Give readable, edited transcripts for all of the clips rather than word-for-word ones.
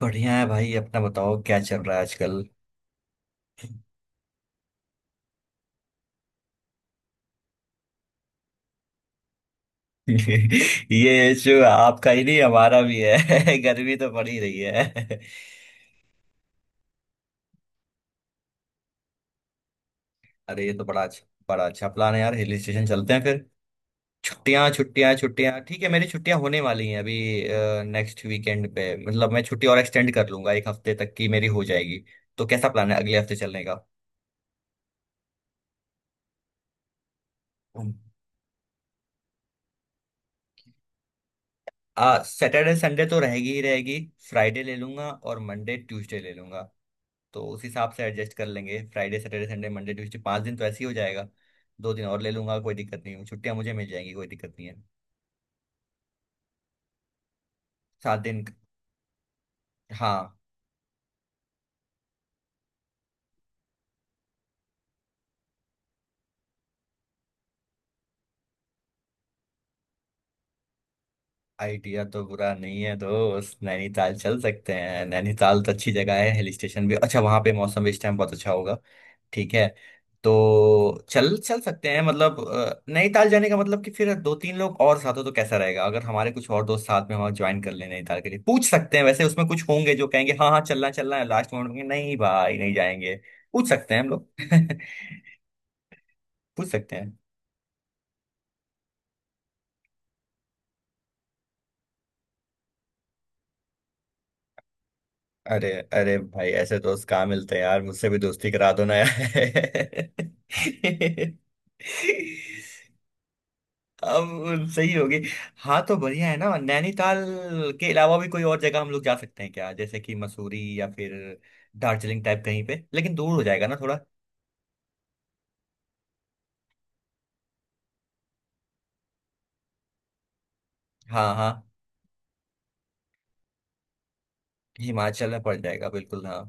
बढ़िया है भाई। अपना बताओ क्या चल रहा है आजकल। ये इशू आपका ही नहीं हमारा भी है। गर्मी तो पड़ ही रही है। अरे ये तो बड़ा अच्छा, बड़ा अच्छा प्लान है यार। हिल स्टेशन चलते हैं फिर। छुट्टियां, छुट्टियां, छुट्टियां। ठीक है, मेरी छुट्टियां होने वाली हैं अभी नेक्स्ट वीकेंड पे। मतलब मैं छुट्टी और एक्सटेंड कर लूंगा, एक हफ्ते तक की मेरी हो जाएगी। तो कैसा प्लान है अगले हफ्ते चलने का? आ सैटरडे संडे तो रहेगी ही रहेगी। फ्राइडे ले लूंगा और मंडे ट्यूसडे ले लूंगा। तो उस हिसाब से एडजस्ट कर लेंगे, Friday, Saturday, Sunday, Monday, Tuesday, 5 दिन तो ऐसे ही हो जाएगा। 2 दिन और ले लूंगा, कोई दिक्कत नहीं है, छुट्टियां मुझे मिल जाएंगी, कोई दिक्कत नहीं है। 7 दिन। हाँ। आइडिया तो बुरा नहीं है दोस्त, नैनीताल चल सकते हैं। नैनीताल तो अच्छी जगह है, हिल स्टेशन भी अच्छा, वहाँ पे मौसम भी इस टाइम बहुत अच्छा होगा। ठीक है, तो चल चल सकते हैं, मतलब नैनीताल जाने का मतलब कि फिर दो तीन लोग और साथ हो तो कैसा रहेगा अगर हमारे कुछ और दोस्त साथ में वहां ज्वाइन कर लें। नैनीताल के लिए पूछ सकते हैं वैसे, उसमें कुछ होंगे जो कहेंगे हाँ हाँ, चलना चलना है, लास्ट मोमेंट में नहीं भाई नहीं जाएंगे। पूछ सकते हैं हम लोग। पूछ सकते हैं। अरे अरे भाई, ऐसे दोस्त कहाँ मिलते हैं यार, मुझसे भी दोस्ती करा दो ना यार। अब सही होगी। हाँ तो बढ़िया है ना। नैनीताल के अलावा भी कोई और जगह हम लोग जा सकते हैं क्या, जैसे कि मसूरी या फिर दार्जिलिंग टाइप कहीं पे, लेकिन दूर हो जाएगा ना थोड़ा। हाँ हाँ। हिमाचल में पड़ जाएगा बिल्कुल। हाँ।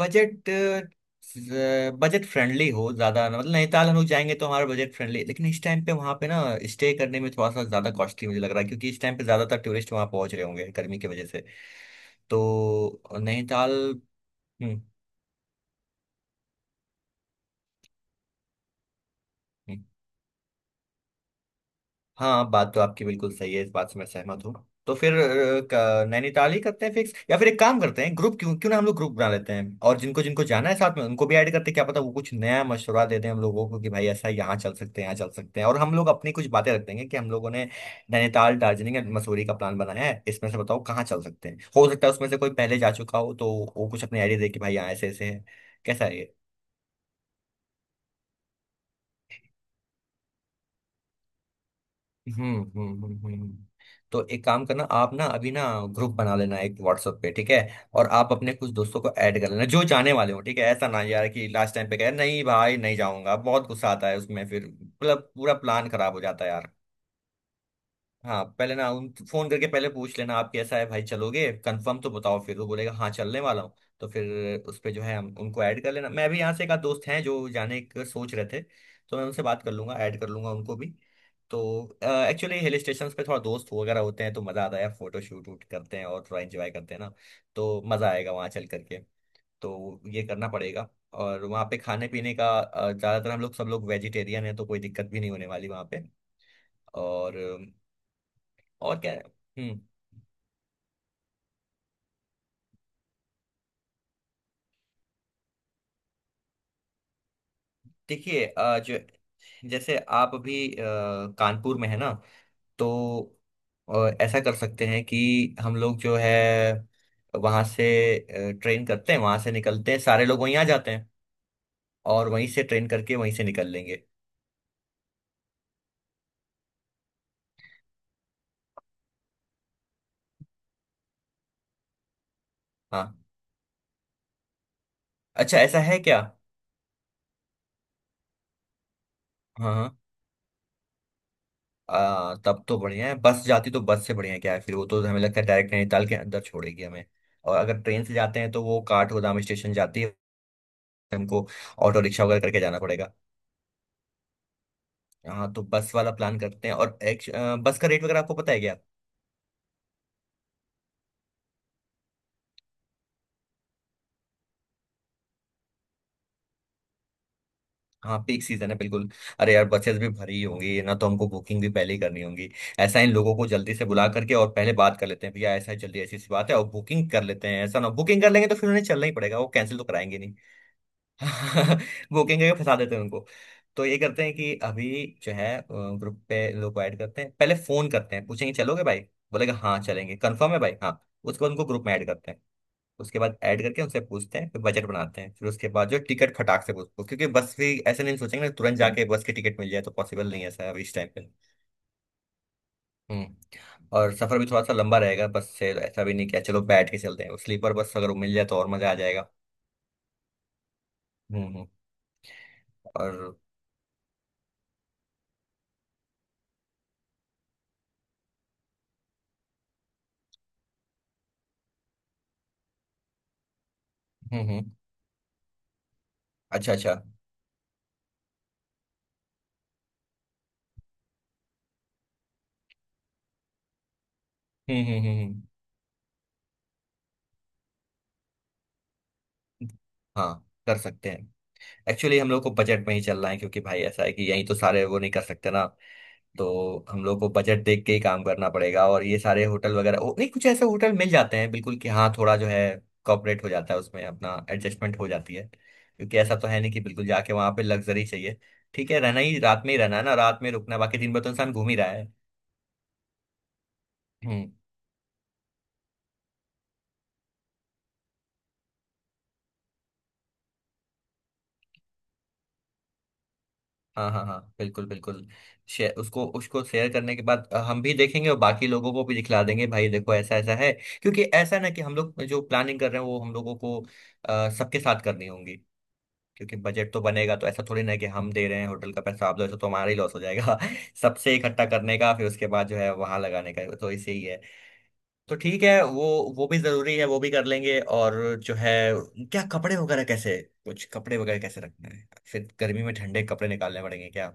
बजट, बजट फ्रेंडली हो ज्यादा ना, मतलब नैनीताल हम लोग जाएंगे तो हमारा बजट फ्रेंडली। लेकिन इस टाइम पे वहाँ पे ना, स्टे करने में थोड़ा सा ज्यादा कॉस्टली मुझे लग रहा है, क्योंकि इस टाइम पे ज्यादातर टूरिस्ट वहाँ पहुंच रहे होंगे गर्मी की वजह से। तो नैनीताल। हम्म हम्म। हाँ, बात तो आपकी बिल्कुल सही है, इस बात से मैं सहमत हूँ। तो फिर नैनीताल ही करते हैं फिक्स, या फिर एक काम करते हैं, ग्रुप, क्यों क्यों ना हम लोग ग्रुप बना लेते हैं और जिनको जिनको जाना है साथ में उनको भी ऐड करते हैं, क्या पता वो कुछ नया मशवरा दे दें हम लोगों को कि भाई ऐसा, यहाँ चल सकते हैं, यहाँ चल सकते हैं। और हम लोग अपनी कुछ बातें रख देंगे कि हम लोगों ने नैनीताल, दार्जिलिंग एंड मसूरी का प्लान बनाया है, इसमें से बताओ कहाँ चल सकते हैं। हो सकता है उसमें से कोई पहले जा चुका हो तो वो कुछ अपने आइडिया दे कि भाई यहाँ ऐसे ऐसे है। कैसा है ये? हम्म हम्म हम्म हम्म। तो एक काम करना आप ना अभी ना, ग्रुप बना लेना एक व्हाट्सएप पे, ठीक है। और आप अपने कुछ दोस्तों को ऐड कर लेना जो जाने वाले हो, ठीक है। ऐसा ना यार कि लास्ट टाइम पे कहे नहीं भाई, नहीं जाऊंगा, बहुत गुस्सा आता है उसमें फिर, मतलब पूरा प्लान खराब हो जाता है यार। हाँ पहले ना, उन फोन करके पहले पूछ लेना आप, कैसा है भाई, चलोगे कंफर्म तो बताओ, फिर वो बोलेगा हाँ चलने वाला हूँ। तो फिर उस पे जो है हम उनको ऐड कर लेना, मैं भी यहाँ से एक आध दोस्त हैं जो जाने का सोच रहे थे। तो मैं उनसे बात कर लूंगा, ऐड कर लूंगा उनको भी। तो एक्चुअली हिल स्टेशन पे थोड़ा दोस्त वगैरह होते हैं तो मज़ा आता है, फोटो शूट वूट करते हैं और थोड़ा एंजॉय करते हैं ना। तो मज़ा आएगा वहाँ चल करके। तो ये करना पड़ेगा। और वहाँ पे खाने पीने का, ज़्यादातर हम लोग सब लोग वेजिटेरियन है, तो कोई दिक्कत भी नहीं होने वाली वहाँ पे। और और क्या है? हम्म। देखिए जो जैसे आप अभी कानपुर में है ना, तो अ, ऐसा कर सकते हैं कि हम लोग जो है वहां से ट्रेन करते हैं, वहां से निकलते हैं, सारे लोग वहीं आ जाते हैं। और वहीं से ट्रेन करके वहीं से निकल लेंगे। हाँ। अच्छा ऐसा है क्या। हाँ हाँ। तब तो बढ़िया है, बस जाती तो बस से बढ़िया है, क्या है फिर वो तो हमें लगता है डायरेक्ट नैनीताल के अंदर छोड़ेगी हमें। और अगर ट्रेन से जाते हैं तो वो काठगोदाम स्टेशन जाती है, हमको ऑटो रिक्शा वगैरह करके जाना पड़ेगा। हाँ तो बस वाला प्लान करते हैं, और बस का रेट वगैरह आपको पता है क्या? हाँ पीक सीजन है बिल्कुल। अरे यार बसेस भी भरी ही होंगी ना, तो हमको बुकिंग भी पहले ही करनी होगी। ऐसा इन लोगों को जल्दी से बुला करके और पहले बात कर लेते हैं, भैया ऐसा है जल्दी, ऐसी सी बात है, और बुकिंग कर लेते हैं, ऐसा ना बुकिंग कर लेंगे तो फिर उन्हें चलना ही पड़ेगा, वो कैंसिल तो कराएंगे नहीं। बुकिंग करके फंसा देते हैं उनको। तो ये करते हैं कि अभी जो है ग्रुप पे लोग ऐड करते हैं, पहले फोन करते हैं, पूछेंगे चलोगे भाई? बोलेगा हाँ चलेंगे, कंफर्म है भाई, हाँ। उसको उनको ग्रुप में ऐड करते हैं। उसके बाद ऐड करके उनसे पूछते हैं, फिर बजट बनाते हैं, फिर उसके बाद जो टिकट खटाक से पूछते हैं, क्योंकि बस भी ऐसे नहीं सोचेंगे ना तुरंत जाके बस की टिकट मिल जाए तो पॉसिबल नहीं है ऐसा अभी इस टाइम पे। हम्म और सफर भी थोड़ा सा लंबा रहेगा बस से, ऐसा भी नहीं किया चलो बैठ के चलते हैं, स्लीपर बस अगर वो मिल जाए तो और मजा आ जाएगा। हम्म। और। हम्म। अच्छा अच्छा। हम्म हम्म हम्म हम्म। हाँ कर सकते हैं। एक्चुअली हम लोग को बजट में ही चलना है, क्योंकि भाई ऐसा है कि यहीं तो सारे वो नहीं कर सकते ना, तो हम लोग को बजट देख के ही काम करना पड़ेगा। और ये सारे होटल वगैरह नहीं, कुछ ऐसे होटल मिल जाते हैं बिल्कुल कि हाँ थोड़ा जो है कॉपरेट हो जाता है, उसमें अपना एडजस्टमेंट हो जाती है, क्योंकि ऐसा तो है नहीं कि बिल्कुल जाके वहां पे लग्जरी चाहिए। ठीक है, रहना ही रात में ही रहना है ना, रात में रुकना है, बाकी दिन भर तो इंसान घूम ही रहा है। हम्म। हाँ हाँ हाँ बिल्कुल बिल्कुल। शेयर उसको उसको शेयर करने के बाद हम भी देखेंगे और बाकी लोगों को भी दिखला देंगे भाई, देखो ऐसा ऐसा है। क्योंकि ऐसा ना कि हम लोग जो प्लानिंग कर रहे हैं वो हम लोगों को सबके साथ करनी होंगी। क्योंकि बजट तो बनेगा, तो ऐसा थोड़ी ना है कि हम दे रहे हैं होटल का पैसा आप दो, ऐसा तो हमारा ही लॉस हो जाएगा। सबसे इकट्ठा करने का, फिर उसके बाद जो है वहां लगाने का, तो इसे ही है। तो ठीक है, वो भी जरूरी है, वो भी कर लेंगे। और जो है, क्या कपड़े वगैरह कैसे कुछ कपड़े वगैरह कैसे रखना है, फिर गर्मी में ठंडे कपड़े निकालने पड़ेंगे क्या?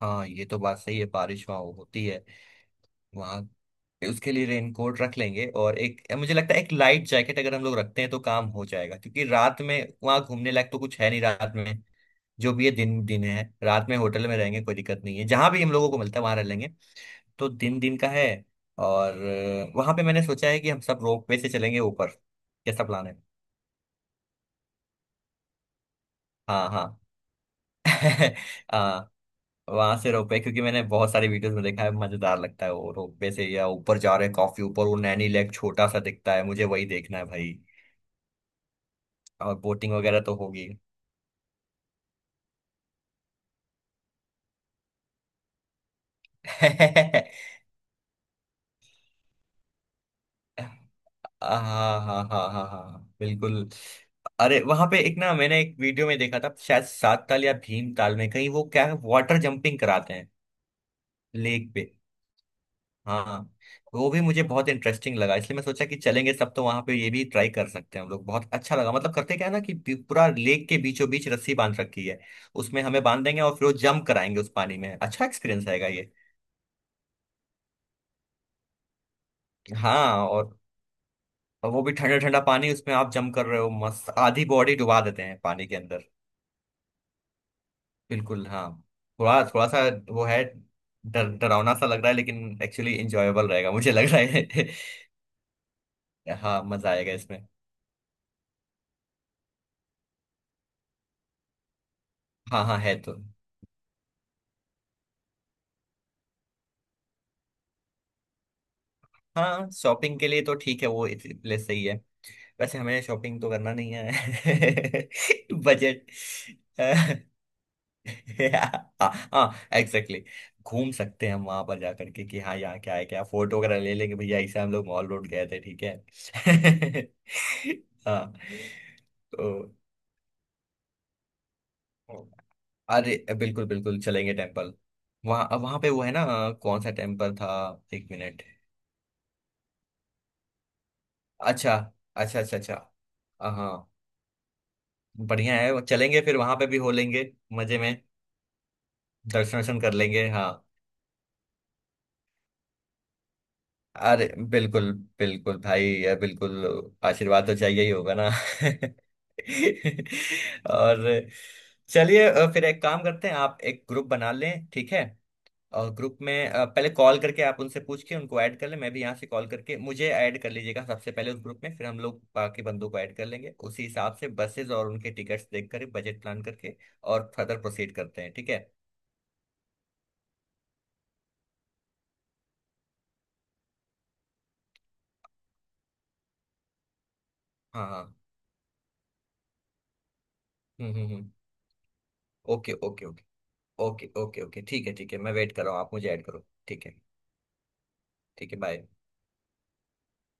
हाँ ये तो बात सही है, बारिश वहाँ होती है। वहाँ उसके लिए रेनकोट रख लेंगे और एक, मुझे लगता है एक लाइट जैकेट अगर हम लोग रखते हैं तो काम हो जाएगा, क्योंकि रात में वहाँ घूमने लायक तो कुछ है नहीं रात में। जो भी ये, दिन दिन है, रात में होटल में रहेंगे, कोई दिक्कत नहीं है, जहां भी हम लोगों को मिलता है वहां रह लेंगे। तो दिन दिन का है। और वहां पे मैंने सोचा है कि हम सब रोपवे से चलेंगे ऊपर। कैसा प्लान है? हाँ हाँ। हाँ। वहां से रोपवे, क्योंकि मैंने बहुत सारी वीडियोस में देखा है मजेदार लगता है वो, रोपवे से या ऊपर जा रहे हैं काफी ऊपर, वो नैनी लेक छोटा सा दिखता है, मुझे वही देखना है भाई। और बोटिंग वगैरह तो होगी। हाँ हाँ हाँ हाँ हाँ हाँ, बिल्कुल। अरे वहां पे एक ना, मैंने एक वीडियो में देखा था, शायद सात ताल या भीम ताल में कहीं, वो क्या है वाटर जंपिंग कराते हैं लेक पे। हाँ। वो भी मुझे बहुत इंटरेस्टिंग लगा, इसलिए मैं सोचा कि चलेंगे सब तो वहां पे ये भी ट्राई कर सकते हैं हम लोग, बहुत अच्छा लगा। मतलब करते क्या है ना कि पूरा लेक के बीचों बीच रस्सी बांध रखी है। उसमें हमें बांध देंगे और फिर वो जंप कराएंगे उस पानी में, अच्छा एक्सपीरियंस आएगा ये। हाँ। और वो भी ठंडा ठंडा पानी, उसमें आप जंप कर रहे हो मस्त, आधी बॉडी डुबा देते हैं पानी के अंदर। बिल्कुल हाँ। थोड़ा थोड़ा सा वो है, डर डरावना सा लग रहा है लेकिन एक्चुअली इंजॉयबल रहेगा मुझे लग रहा है। हाँ मजा आएगा इसमें। हाँ हाँ है तो। हाँ शॉपिंग के लिए तो ठीक है, वो इस प्लेस सही है। वैसे हमें शॉपिंग तो करना नहीं है। बजट। हाँ एग्जैक्टली। घूम सकते हैं हम वहां पर जा करके कि हाँ यहाँ क्या है क्या, फोटो वगैरह ले लेंगे भैया, ऐसे हम लोग मॉल रोड गए थे ठीक है। हाँ तो। अरे बिल्कुल बिल्कुल, चलेंगे टेम्पल। वहाँ वहाँ पे वो है ना, कौन सा टेम्पल था, एक मिनट। अच्छा अच्छा अच्छा अच्छा। हाँ बढ़िया है वो, चलेंगे फिर वहाँ पे भी हो लेंगे मजे में, दर्शन वर्शन कर लेंगे। हाँ। अरे बिल्कुल बिल्कुल भाई यार बिल्कुल, आशीर्वाद तो चाहिए ही होगा ना। और चलिए, फिर एक काम करते हैं आप एक ग्रुप बना लें, ठीक है। और ग्रुप में पहले कॉल करके आप उनसे पूछ के उनको ऐड कर लें, मैं भी यहाँ से कॉल करके मुझे ऐड कर लीजिएगा सबसे पहले उस ग्रुप में, फिर हम लोग बाकी बंदों को ऐड कर लेंगे उसी हिसाब से, बसेस और उनके टिकट्स देख कर बजट प्लान करके, और फर्दर प्रोसीड करते हैं ठीक है। हाँ हाँ। हम्म। Okay okay okay okay okay okay. ठीक है ठीक है, मैं वेट कर रहा हूँ, आप मुझे ऐड करो ठीक है। ठीक है। बाय।